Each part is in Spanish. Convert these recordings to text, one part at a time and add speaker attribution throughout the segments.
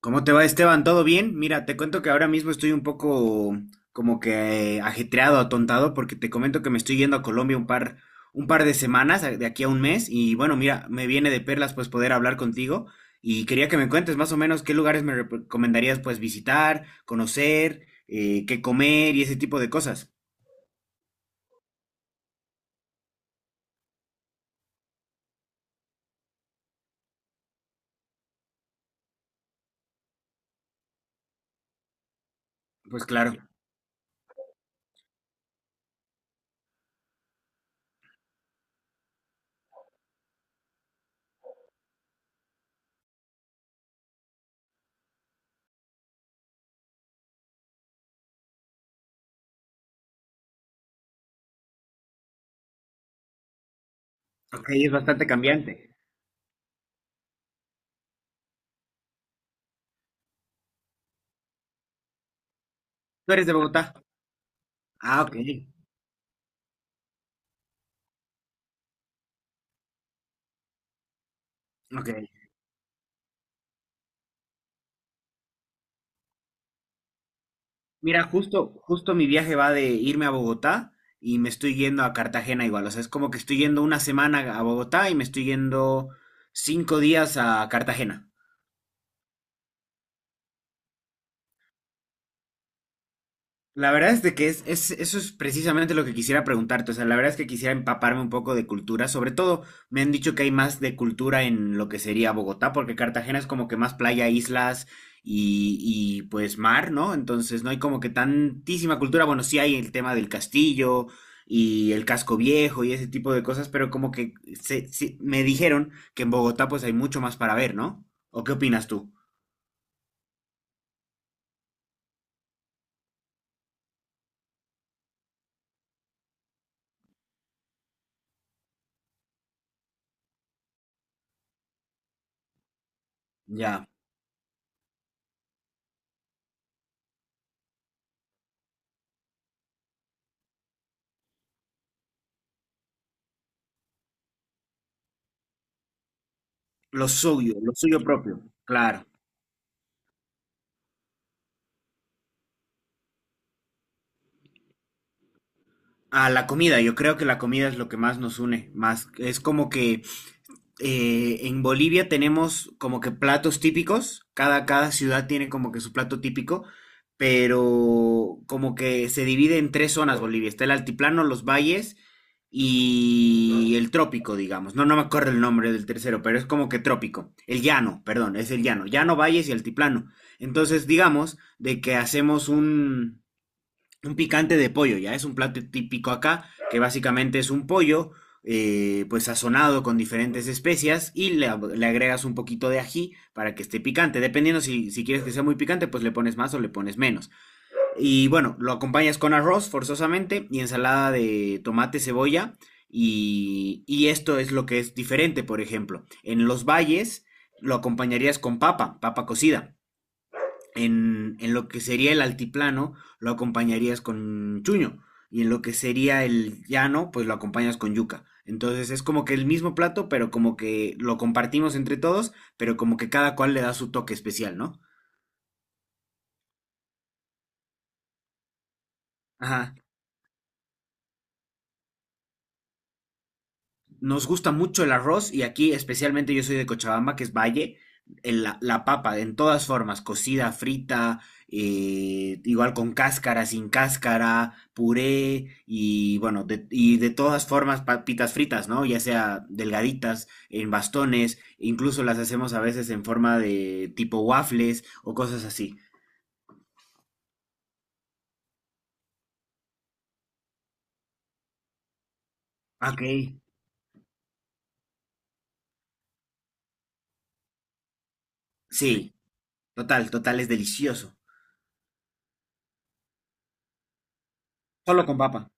Speaker 1: ¿Cómo te va, Esteban? ¿Todo bien? Mira, te cuento que ahora mismo estoy un poco como que ajetreado, atontado, porque te comento que me estoy yendo a Colombia un par de semanas, de aquí a un mes, y bueno, mira, me viene de perlas pues poder hablar contigo y quería que me cuentes más o menos qué lugares me recomendarías pues visitar, conocer, qué comer y ese tipo de cosas. Pues claro. Ok, es bastante cambiante. ¿Tú eres de Bogotá? Ah, ok, ok. Mira, justo mi viaje va de irme a Bogotá y me estoy yendo a Cartagena igual. O sea, es como que estoy yendo una semana a Bogotá y me estoy yendo cinco días a Cartagena. La verdad es de que eso es precisamente lo que quisiera preguntarte. O sea, la verdad es que quisiera empaparme un poco de cultura. Sobre todo, me han dicho que hay más de cultura en lo que sería Bogotá, porque Cartagena es como que más playa, islas pues mar, ¿no? Entonces no hay como que tantísima cultura. Bueno, sí hay el tema del castillo y el casco viejo y ese tipo de cosas, pero como que sí, me dijeron que en Bogotá pues hay mucho más para ver, ¿no? ¿O qué opinas tú? Ya, lo suyo propio. Claro. A la comida, yo creo que la comida es lo que más nos une, más es como que en Bolivia tenemos como que platos típicos, cada ciudad tiene como que su plato típico, pero como que se divide en tres zonas Bolivia, está el altiplano, los valles y el trópico, digamos. No me acuerdo el nombre del tercero, pero es como que trópico, el llano, perdón, es el llano, llano, valles y altiplano. Entonces, digamos de que hacemos un picante de pollo, ya es un plato típico acá, que básicamente es un pollo, pues sazonado con diferentes especias y le agregas un poquito de ají para que esté picante. Dependiendo si quieres que sea muy picante, pues le pones más o le pones menos. Y bueno, lo acompañas con arroz forzosamente y ensalada de tomate, cebolla. Y esto es lo que es diferente, por ejemplo. En los valles lo acompañarías con papa, papa cocida en lo que sería el altiplano, lo acompañarías con chuño. Y en lo que sería el llano, pues lo acompañas con yuca. Entonces es como que el mismo plato, pero como que lo compartimos entre todos, pero como que cada cual le da su toque especial, ¿no? Ajá. Nos gusta mucho el arroz y aquí especialmente yo soy de Cochabamba, que es Valle, la papa en todas formas, cocida, frita, igual con cáscara, sin cáscara, puré y bueno, de todas formas papitas fritas, ¿no? Ya sea delgaditas, en bastones, incluso las hacemos a veces en forma de tipo waffles o cosas así. Ok. Sí, total, total, es delicioso. Solo con papa.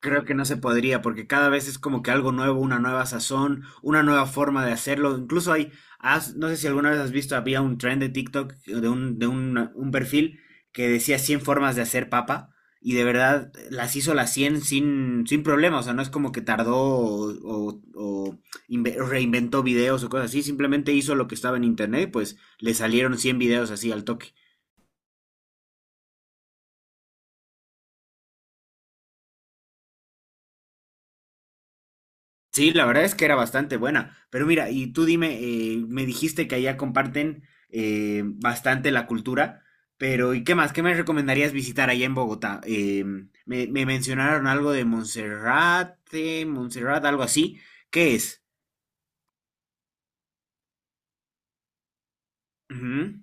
Speaker 1: Creo que no se podría, porque cada vez es como que algo nuevo, una nueva sazón, una nueva forma de hacerlo. Incluso no sé si alguna vez has visto, había un trend de TikTok, un perfil que decía 100 formas de hacer papa, y de verdad las hizo las 100 sin, sin problema. O sea, no es como que tardó o inve- reinventó videos o cosas así, simplemente hizo lo que estaba en internet, pues le salieron 100 videos así al toque. Sí, la verdad es que era bastante buena. Pero mira, y tú dime, me dijiste que allá comparten bastante la cultura, pero ¿y qué más? ¿Qué me recomendarías visitar allá en Bogotá? Me mencionaron algo de Monserrate, Monserrate, algo así. ¿Qué es? Ujú.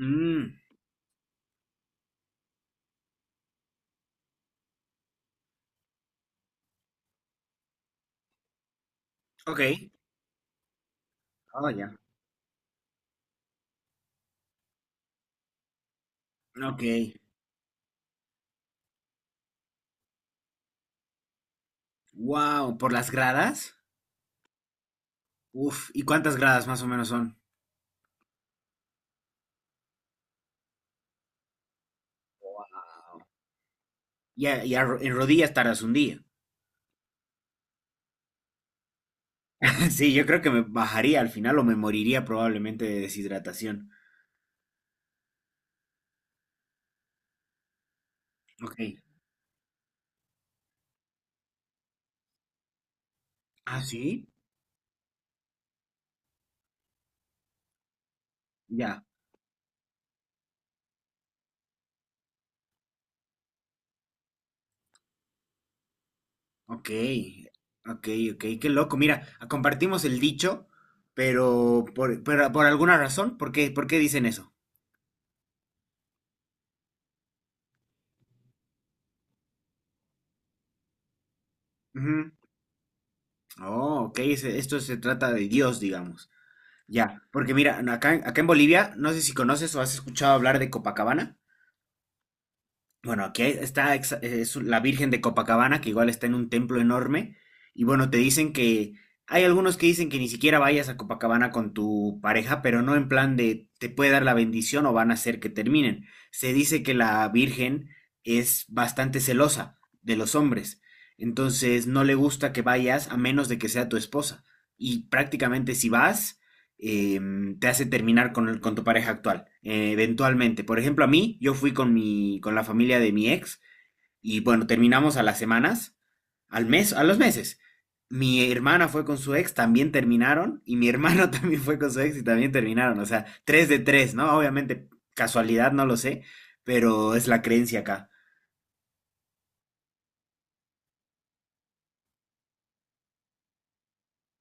Speaker 1: Mm, ok. Oh, ya. Ok. Wow, ¿por las gradas? Uf, ¿y cuántas gradas más o menos son? Ya, en rodillas tardas un día. Sí, yo creo que me bajaría al final o me moriría probablemente de deshidratación. Ok. Ah, sí. Ya. Ok. Ok, ok. Qué loco. Mira, compartimos el dicho, pero pero por alguna razón, por qué dicen eso? Ujú. Oh, ok. Esto se trata de Dios, digamos. Ya. Porque mira, acá en Bolivia, no sé si conoces o has escuchado hablar de Copacabana. Bueno, aquí hay- está exa- es la Virgen de Copacabana, que igual está en un templo enorme. Y bueno, te dicen que hay algunos que dicen que ni siquiera vayas a Copacabana con tu pareja, pero no en plan de te puede dar la bendición o van a hacer que terminen. Se dice que la Virgen es bastante celosa de los hombres. Entonces no le gusta que vayas a menos de que sea tu esposa. Y prácticamente si vas, eh, te hace terminar con tu pareja actual, eventualmente. Por ejemplo, a mí, yo fui con la familia de mi ex y bueno, terminamos a las semanas, al mes, a los meses. Mi hermana fue con su ex, también terminaron, y mi hermano también fue con su ex y también terminaron. O sea, tres de tres, ¿no? Obviamente, casualidad, no lo sé, pero es la creencia acá.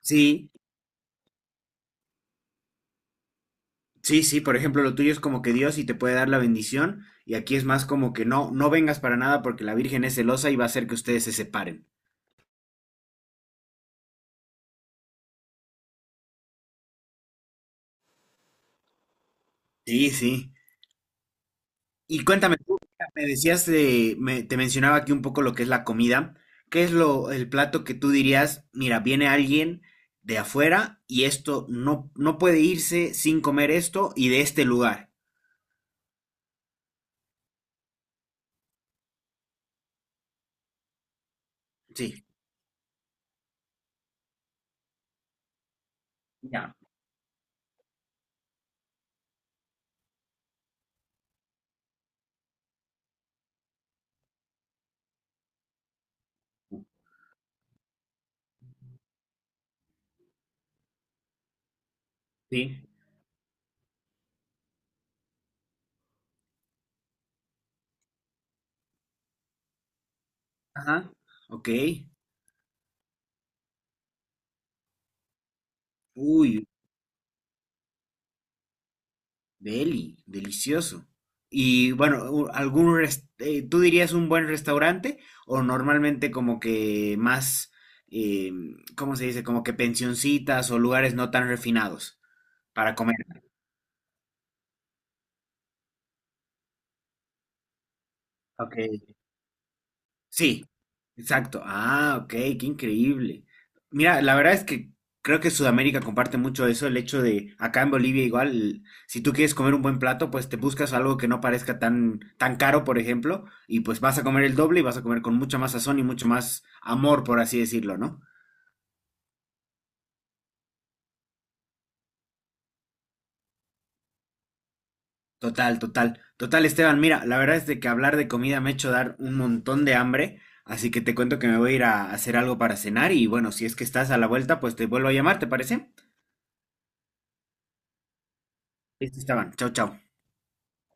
Speaker 1: Sí, sí, sí, por ejemplo, lo tuyo es como que Dios y te puede dar la bendición, y aquí es más como que no, no vengas para nada porque la Virgen es celosa y va a hacer que ustedes se separen. Sí, sí. Y cuéntame, me decías, de- me- te mencionaba aquí un poco lo que es la comida. ¿Qué es el plato que tú dirías, mira, viene alguien de afuera y esto no, no puede irse sin comer esto y de este lugar? Sí. Ya, sí. Ajá. Ok. Uy, Deli, delicioso. Y bueno, ¿tú dirías un buen restaurante o normalmente como que más, eh, ¿cómo se dice? Como que pensioncitas o lugares no tan refinados para comer. Ok. Sí. Exacto. Ah, ok, qué increíble. Mira, la verdad es que creo que Sudamérica comparte mucho eso, el hecho de acá en Bolivia igual, si tú quieres comer un buen plato, pues te buscas algo que no parezca tan tan caro, por ejemplo, y pues vas a comer el doble y vas a comer con mucha más sazón y mucho más amor, por así decirlo, ¿no? Total, total. Total, Esteban, mira, la verdad es de que hablar de comida me ha hecho dar un montón de hambre, así que te cuento que me voy a ir a hacer algo para cenar y bueno, si es que estás a la vuelta, pues te vuelvo a llamar, ¿te parece? Listo, Esteban. Chao, chao.